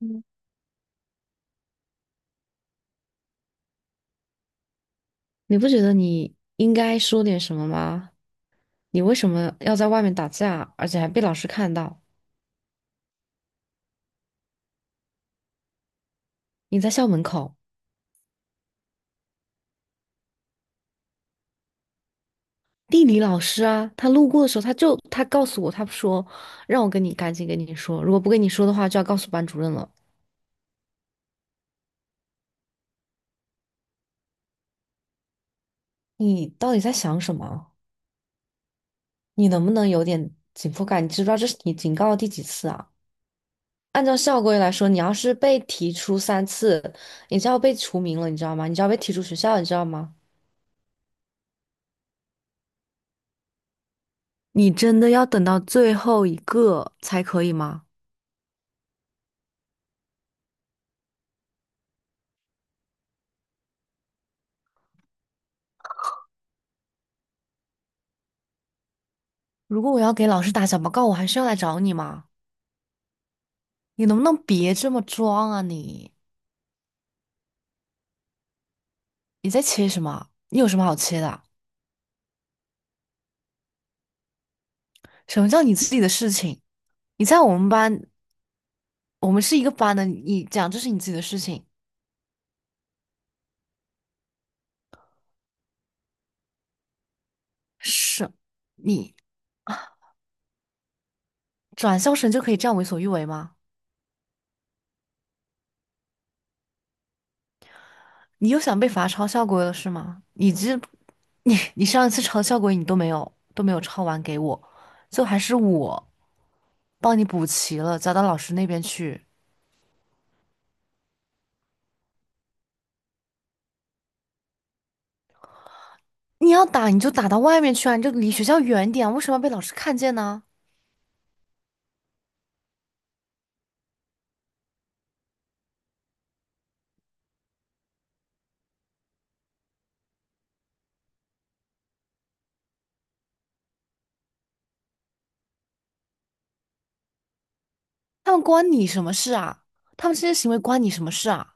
嗯，你不觉得你应该说点什么吗？你为什么要在外面打架，而且还被老师看到？你在校门口，地理老师啊，他路过的时候，他告诉我，他说让我跟你赶紧跟你说，如果不跟你说的话，就要告诉班主任了。你到底在想什么？你能不能有点紧迫感？你知不知道这是你警告的第几次啊？按照校规来说，你要是被提出三次，你就要被除名了，你知道吗？你就要被踢出学校，你知道吗？你真的要等到最后一个才可以吗？如果我要给老师打小报告，我还是要来找你吗？你能不能别这么装啊你？你在切什么？你有什么好切的啊？什么叫你自己的事情？你在我们班，我们是一个班的，你讲这是你自己的事情，是，你转校生就可以这样为所欲为吗？你又想被罚抄校规了是吗？你这，你上一次抄校规你都没有抄完给我，最后还是我。帮你补齐了，交到老师那边去。你要打你就打到外面去啊，你就离学校远点啊，为什么要被老师看见呢？他们关你什么事啊？他们这些行为关你什么事啊？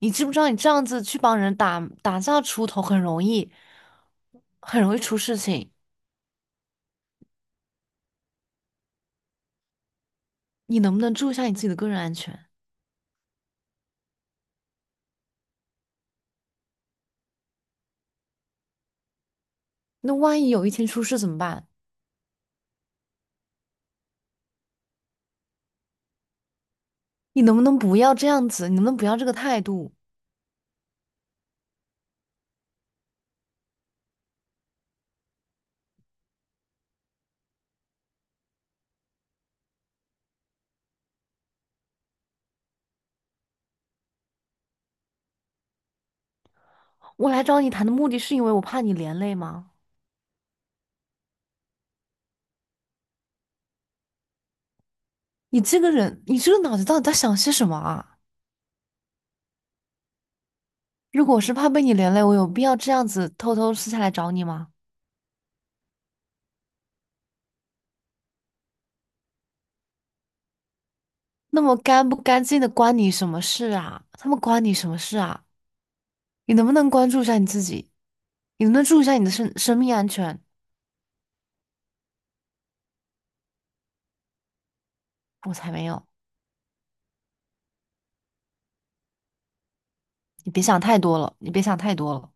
你知不知道你这样子去帮人打打架出头很容易，很容易出事情。你能不能注意一下你自己的个人安全？那万一有一天出事怎么办？你能不能不要这样子？你能不能不要这个态度？我来找你谈的目的是因为我怕你连累吗？你这个人，你这个脑子到底在想些什么啊？如果我是怕被你连累，我有必要这样子偷偷私下来找你吗？那么干不干净的关你什么事啊？他们关你什么事啊？你能不能关注一下你自己？你能不能注意一下你的生命安全？我才没有！你别想太多了，你别想太多了，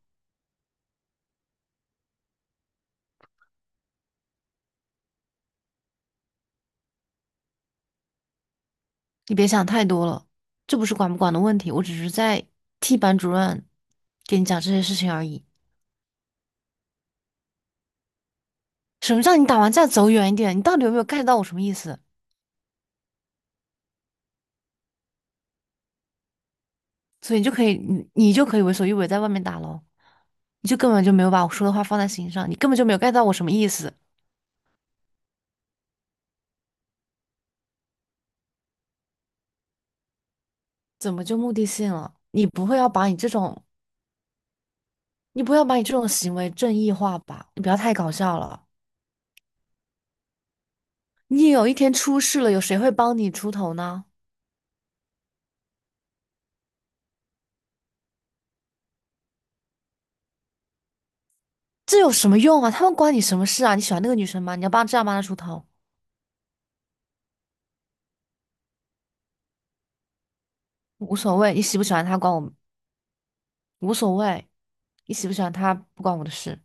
你别想太多了。这不是管不管的问题，我只是在替班主任给你讲这些事情而已。什么叫你打完架走远一点？你到底有没有 get 到我什么意思？所以你就可以，你就可以为所欲为，在外面打咯。你就根本就没有把我说的话放在心上，你根本就没有 get 到我什么意思，怎么就目的性了？你不会要把你这种，你不要把你这种行为正义化吧？你不要太搞笑了。你有一天出事了，有谁会帮你出头呢？这有什么用啊？他们关你什么事啊？你喜欢那个女生吗？你要帮这样帮她出头，无所谓。你喜不喜欢她关我无所谓，你喜不喜欢她不关我的事，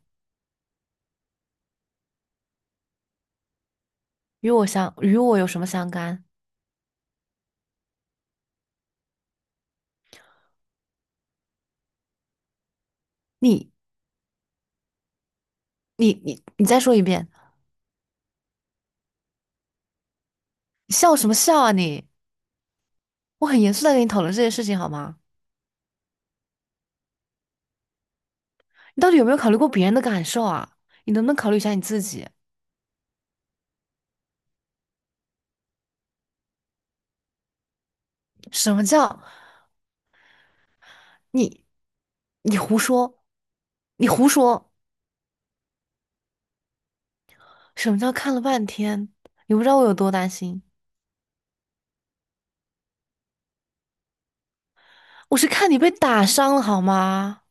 与我有什么相干？你你再说一遍，你笑什么笑啊你？我很严肃在跟你讨论这件事情好吗？你到底有没有考虑过别人的感受啊？你能不能考虑一下你自己？什么叫你胡说？你胡说！什么叫看了半天？你不知道我有多担心，我是看你被打伤了好吗？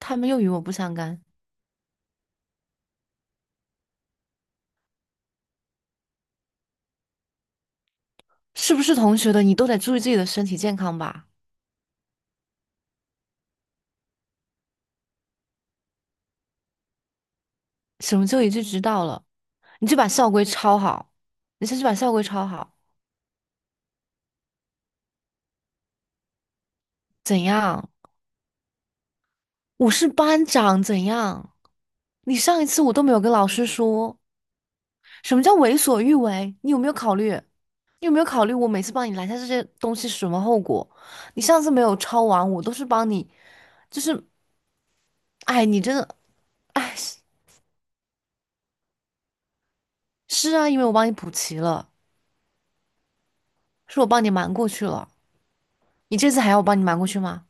他们又与我不相干，是不是同学的你都得注意自己的身体健康吧？什么就一句知道了，你就把校规抄好，你先去把校规抄好，怎样？我是班长，怎样？你上一次我都没有跟老师说。什么叫为所欲为？你有没有考虑？你有没有考虑我每次帮你拦下这些东西是什么后果？你上次没有抄完，我都是帮你，就是，哎，你真的，哎，是是啊，因为我帮你补齐了，是我帮你瞒过去了。你这次还要我帮你瞒过去吗？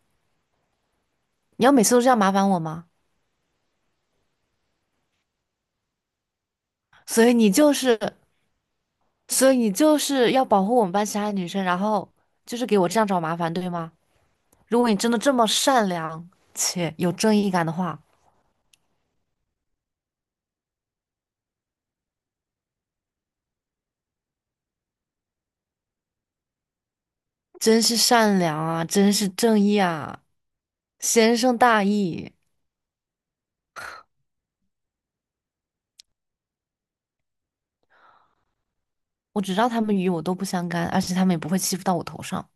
你要每次都这样麻烦我吗？所以你就是，所以你就是要保护我们班其他女生，然后就是给我这样找麻烦，对吗？如果你真的这么善良且有正义感的话。真是善良啊，真是正义啊，先生大义。我只知道他们与我都不相干，而且他们也不会欺负到我头上，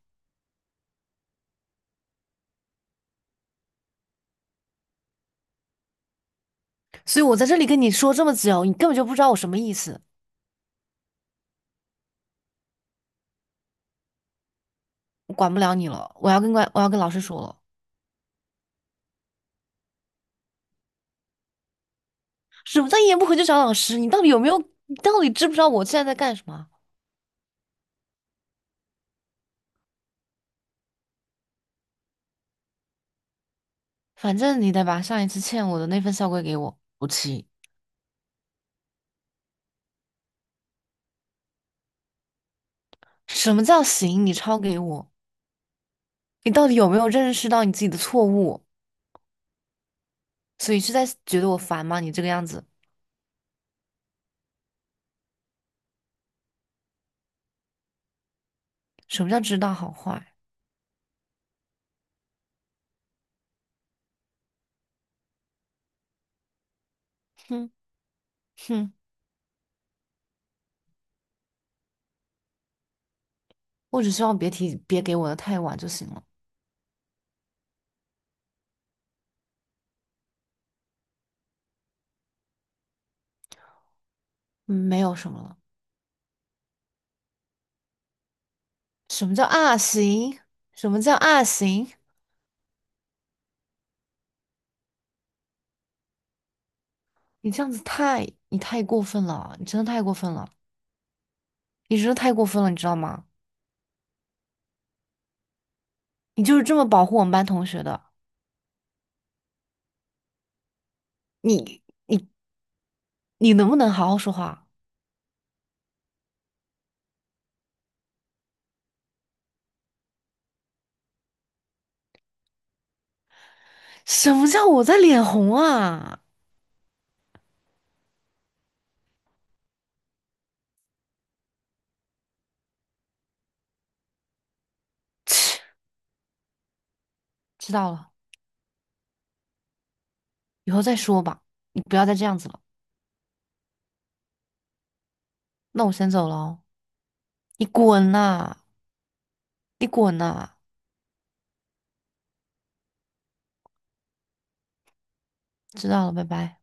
所以我在这里跟你说这么久，你根本就不知道我什么意思。我管不了你了，我要跟老师说了。什么叫一言不合就找老师？你到底有没有？你到底知不知道我现在在干什么？反正你得把上一次欠我的那份校规给我补齐。什么叫行？你抄给我？你到底有没有认识到你自己的错误？所以是在觉得我烦吗？你这个样子，什么叫知道好坏？哼哼，我只希望别提，别给我的太晚就行了。嗯没有什么了。什么叫啊行？什么叫啊行？你这样子太，你太过分了，你真的太过分了，你真的太过分了，你知道吗？你就是这么保护我们班同学的，你你能不能好好说话？什么叫我在脸红啊？切，知道了，以后再说吧。你不要再这样子了。那我先走了哦，你滚呐，你滚呐，知道了，拜拜。